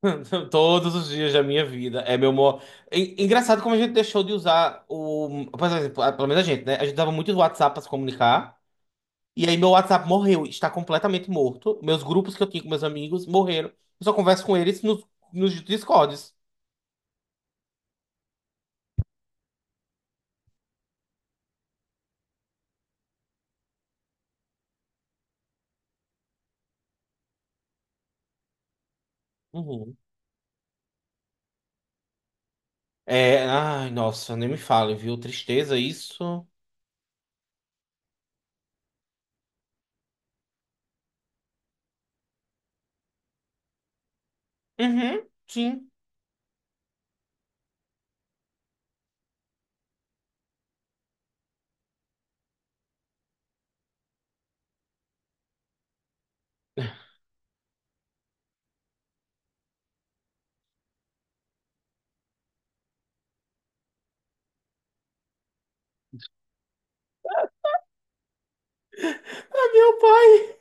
Todos os dias da minha vida. É meu maior. Engraçado como a gente deixou de usar o. Por exemplo, pelo menos a gente, né? A gente dava muito o WhatsApp pra se comunicar. E aí meu WhatsApp morreu, está completamente morto. Meus grupos que eu tinha com meus amigos morreram. Eu só converso com eles nos Discords. Uhum. É. Ai, nossa, nem me fale, viu? Tristeza isso. Uhum, sim. Ai, meu pai.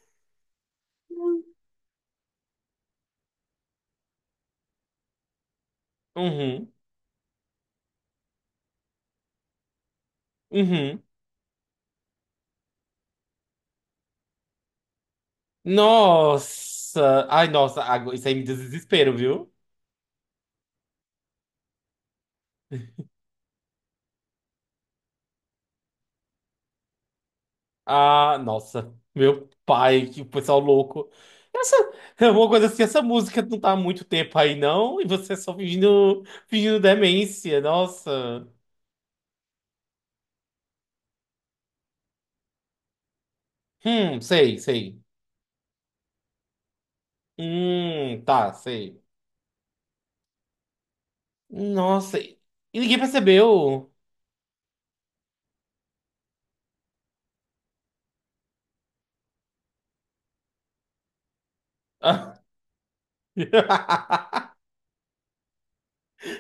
Uhum, uhum. Nossa. Ai, nossa, isso aí me desespero, viu? Ah, nossa, meu pai, que pessoal louco. Essa é uma coisa assim, essa música não tá há muito tempo aí, não, e você só fingindo demência, nossa. Sei, sei. Tá, sei. Nossa, e ninguém percebeu.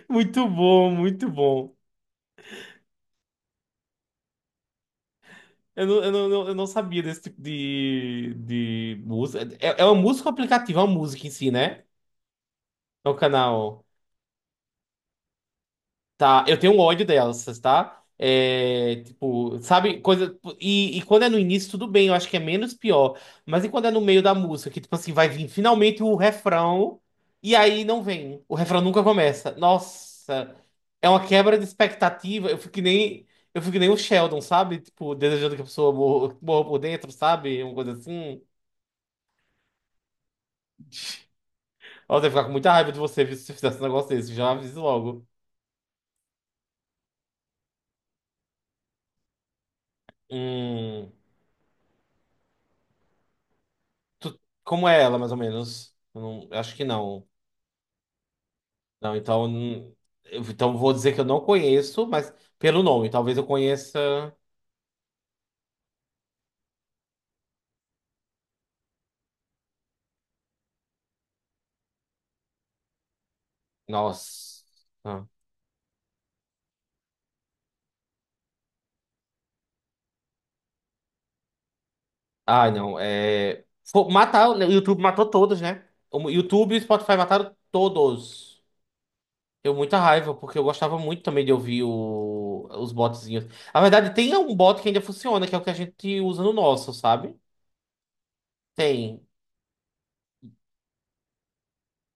Muito bom, muito bom. Eu não sabia desse tipo de música. É uma música ou aplicativo? É uma música em si, né? É o canal. Tá, eu tenho um ódio dessas, tá? É, tipo, sabe, coisa. E quando é no início, tudo bem, eu acho que é menos pior. Mas e quando é no meio da música, que, tipo assim, vai vir finalmente o refrão, e aí não vem. O refrão nunca começa. Nossa, é uma quebra de expectativa. Eu fico que nem o Sheldon, sabe? Tipo, desejando que a pessoa morra, morra por dentro, sabe? Uma coisa assim. Nossa, eu ia ficar com muita raiva de você viu, se você fizesse um negócio desse, já aviso logo. Hum. Como é ela, mais ou menos? Eu não, eu acho que não. Não, então. Então vou dizer que eu não conheço, mas pelo nome, talvez eu conheça. Nossa. Ah, não. É. Matar, o YouTube matou todos, né? O YouTube e o Spotify mataram todos. Deu muita raiva, porque eu gostava muito também de ouvir os botzinhos. Na verdade, tem um bot que ainda funciona, que é o que a gente usa no nosso, sabe? Tem.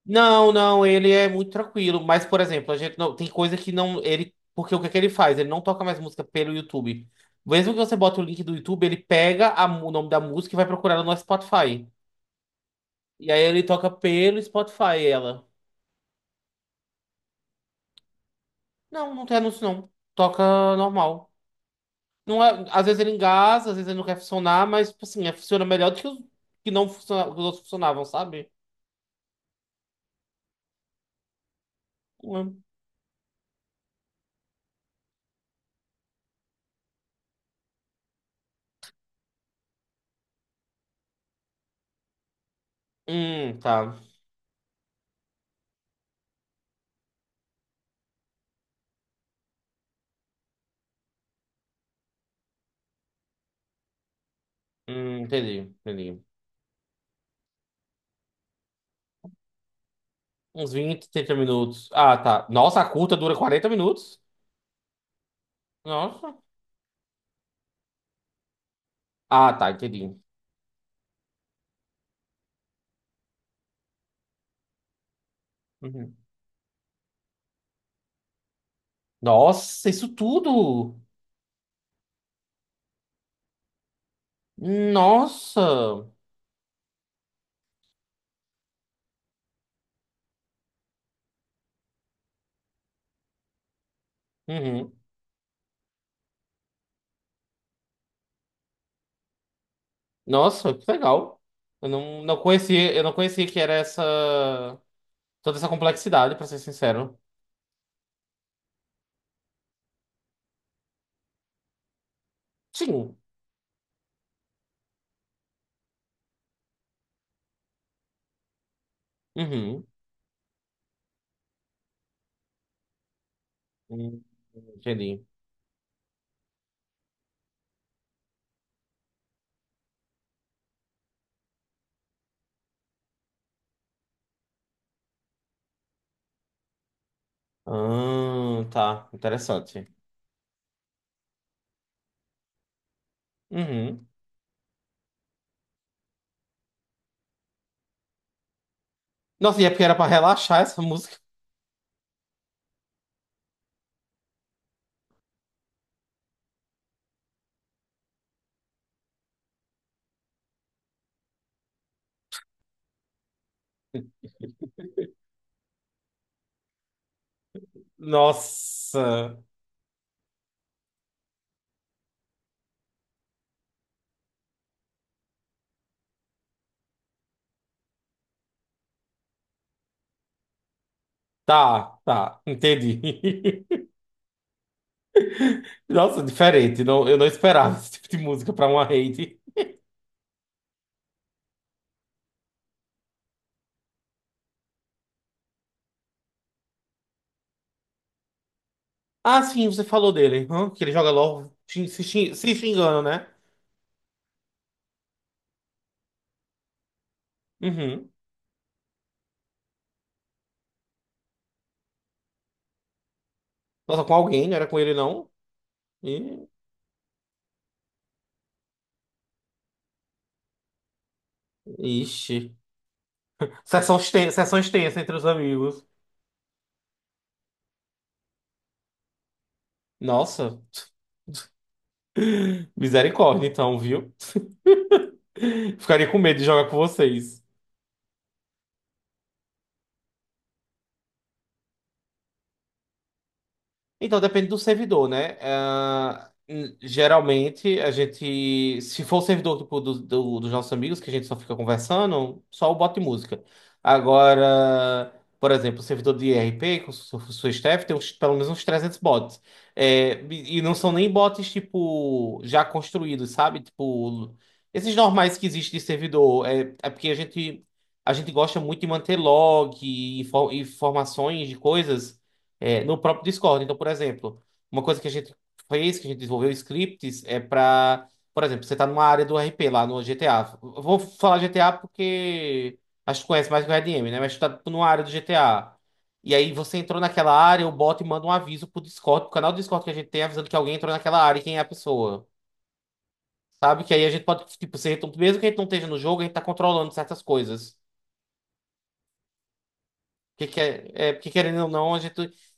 Não, não, ele é muito tranquilo. Mas, por exemplo, a gente não tem coisa que não ele porque o que é que ele faz? Ele não toca mais música pelo YouTube. Mesmo que você bota o link do YouTube, ele pega o nome da música e vai procurar no nosso Spotify. E aí ele toca pelo Spotify ela. Não, não tem anúncio não. Toca normal. Não é, às vezes ele engasa, às vezes ele não quer funcionar, mas tipo assim, funciona melhor do que os que não funciona, que os outros funcionavam, sabe? Hum, hum, tá. Entendi, entendi. Uns 20 30 minutos. Ah, tá. Nossa, a curta dura 40 minutos? Nossa. Ah, tá, entendi. Uhum. Nossa, isso tudo! Nossa! Uhum. Nossa, que legal. Eu não conhecia que era essa toda essa complexidade, pra ser sincero. Sim. Uhum. Hum, entendi. Ah, tá. Interessante. Uhum. Nossa, e é porque era pra relaxar essa música. Nossa. Tá, tá. Entendi. Nossa, diferente. Não, eu não esperava esse tipo de música pra uma raid. Ah, sim, você falou dele. Hã? Que ele joga LOL se xingando, né? Uhum. Nossa, com alguém, não era com ele, não? Ih, ixi. Sessão extensa entre os amigos. Nossa. Misericórdia, então, viu? Ficaria com medo de jogar com vocês. Então, depende do servidor, né? Ah, geralmente, a gente, se for o servidor tipo, dos nossos amigos, que a gente só fica conversando, só o bot de música. Agora, por exemplo, o servidor de IRP, com sua staff, tem pelo menos uns 300 bots. É, e não são nem bots, tipo, já construídos, sabe? Tipo, esses normais que existem de servidor. É porque a gente gosta muito de manter log, informações de coisas é, no próprio Discord. Então, por exemplo, uma coisa que a gente fez, que a gente desenvolveu scripts, é para, por exemplo, você está numa área do RP lá no GTA. Eu vou falar GTA porque acho que conhece mais que o RDM, né? Mas está numa área do GTA. E aí você entrou naquela área, o bot manda um aviso pro Discord, pro canal do Discord que a gente tem, avisando que alguém entrou naquela área e quem é a pessoa. Sabe? Que aí a gente pode, tipo, ser, mesmo que a gente não esteja no jogo, a gente tá controlando certas coisas. Porque, porque querendo ou não, a gente.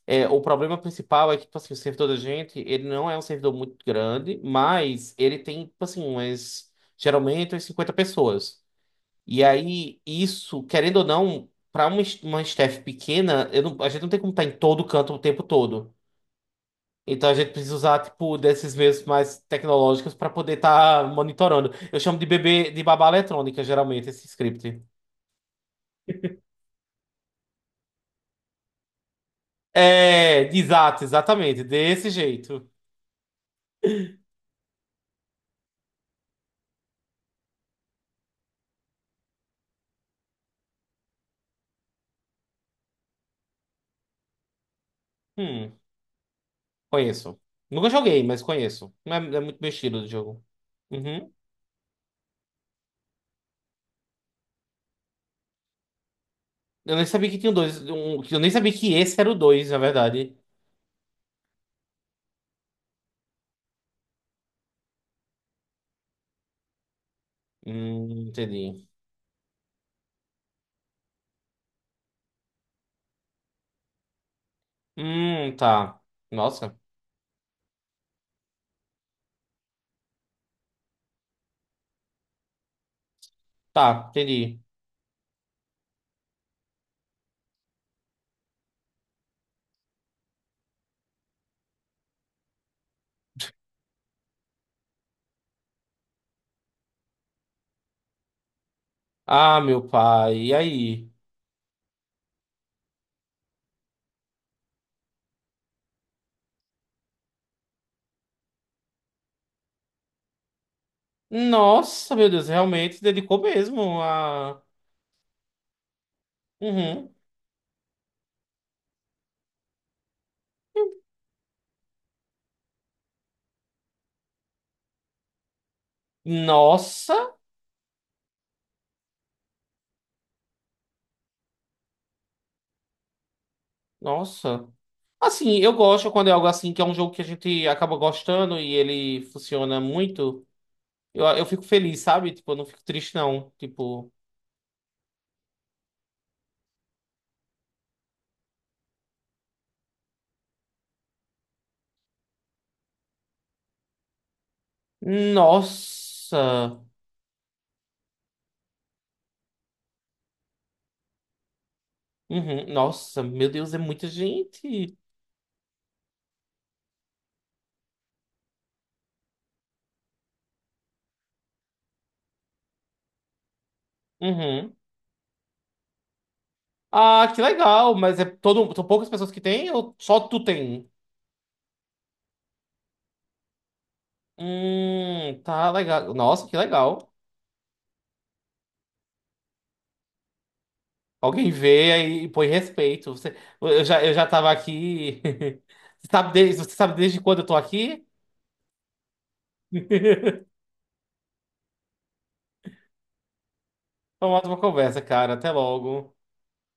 É, o problema principal é que, tipo assim, o servidor da gente, ele não é um servidor muito grande, mas ele tem, tipo assim, umas, geralmente umas 50 pessoas. E aí, isso, querendo ou não, para uma staff pequena, eu não- a gente não tem como estar em todo canto o tempo todo. Então a gente precisa usar, tipo, desses meios mais tecnológicos para poder estar monitorando. Eu chamo de babá eletrônica, geralmente, esse script. É, exato, exatamente, desse jeito. Hum. Conheço. Nunca joguei, mas conheço. Não, é muito meu estilo de jogo. Uhum. Eu nem sabia que tinha um dois. Um, eu nem sabia que esse era o dois, na verdade. Entendi. Tá. Nossa. Tá, entendi. Ah, meu pai. E aí? Nossa, meu Deus, realmente se dedicou mesmo a. Uhum. Nossa, nossa. Assim, eu gosto quando é algo assim, que é um jogo que a gente acaba gostando e ele funciona muito. Eu fico feliz, sabe? Tipo, eu não fico triste, não. Tipo, nossa. Uhum, nossa, meu Deus, é muita gente. Uhum. Ah, que legal, mas é todo, são poucas pessoas que tem ou só tu tem? Um? Tá legal. Nossa, que legal. Alguém vê aí e põe respeito. Você, eu já tava aqui. Você sabe desde quando eu tô aqui? Foi uma ótima conversa, cara. Até logo.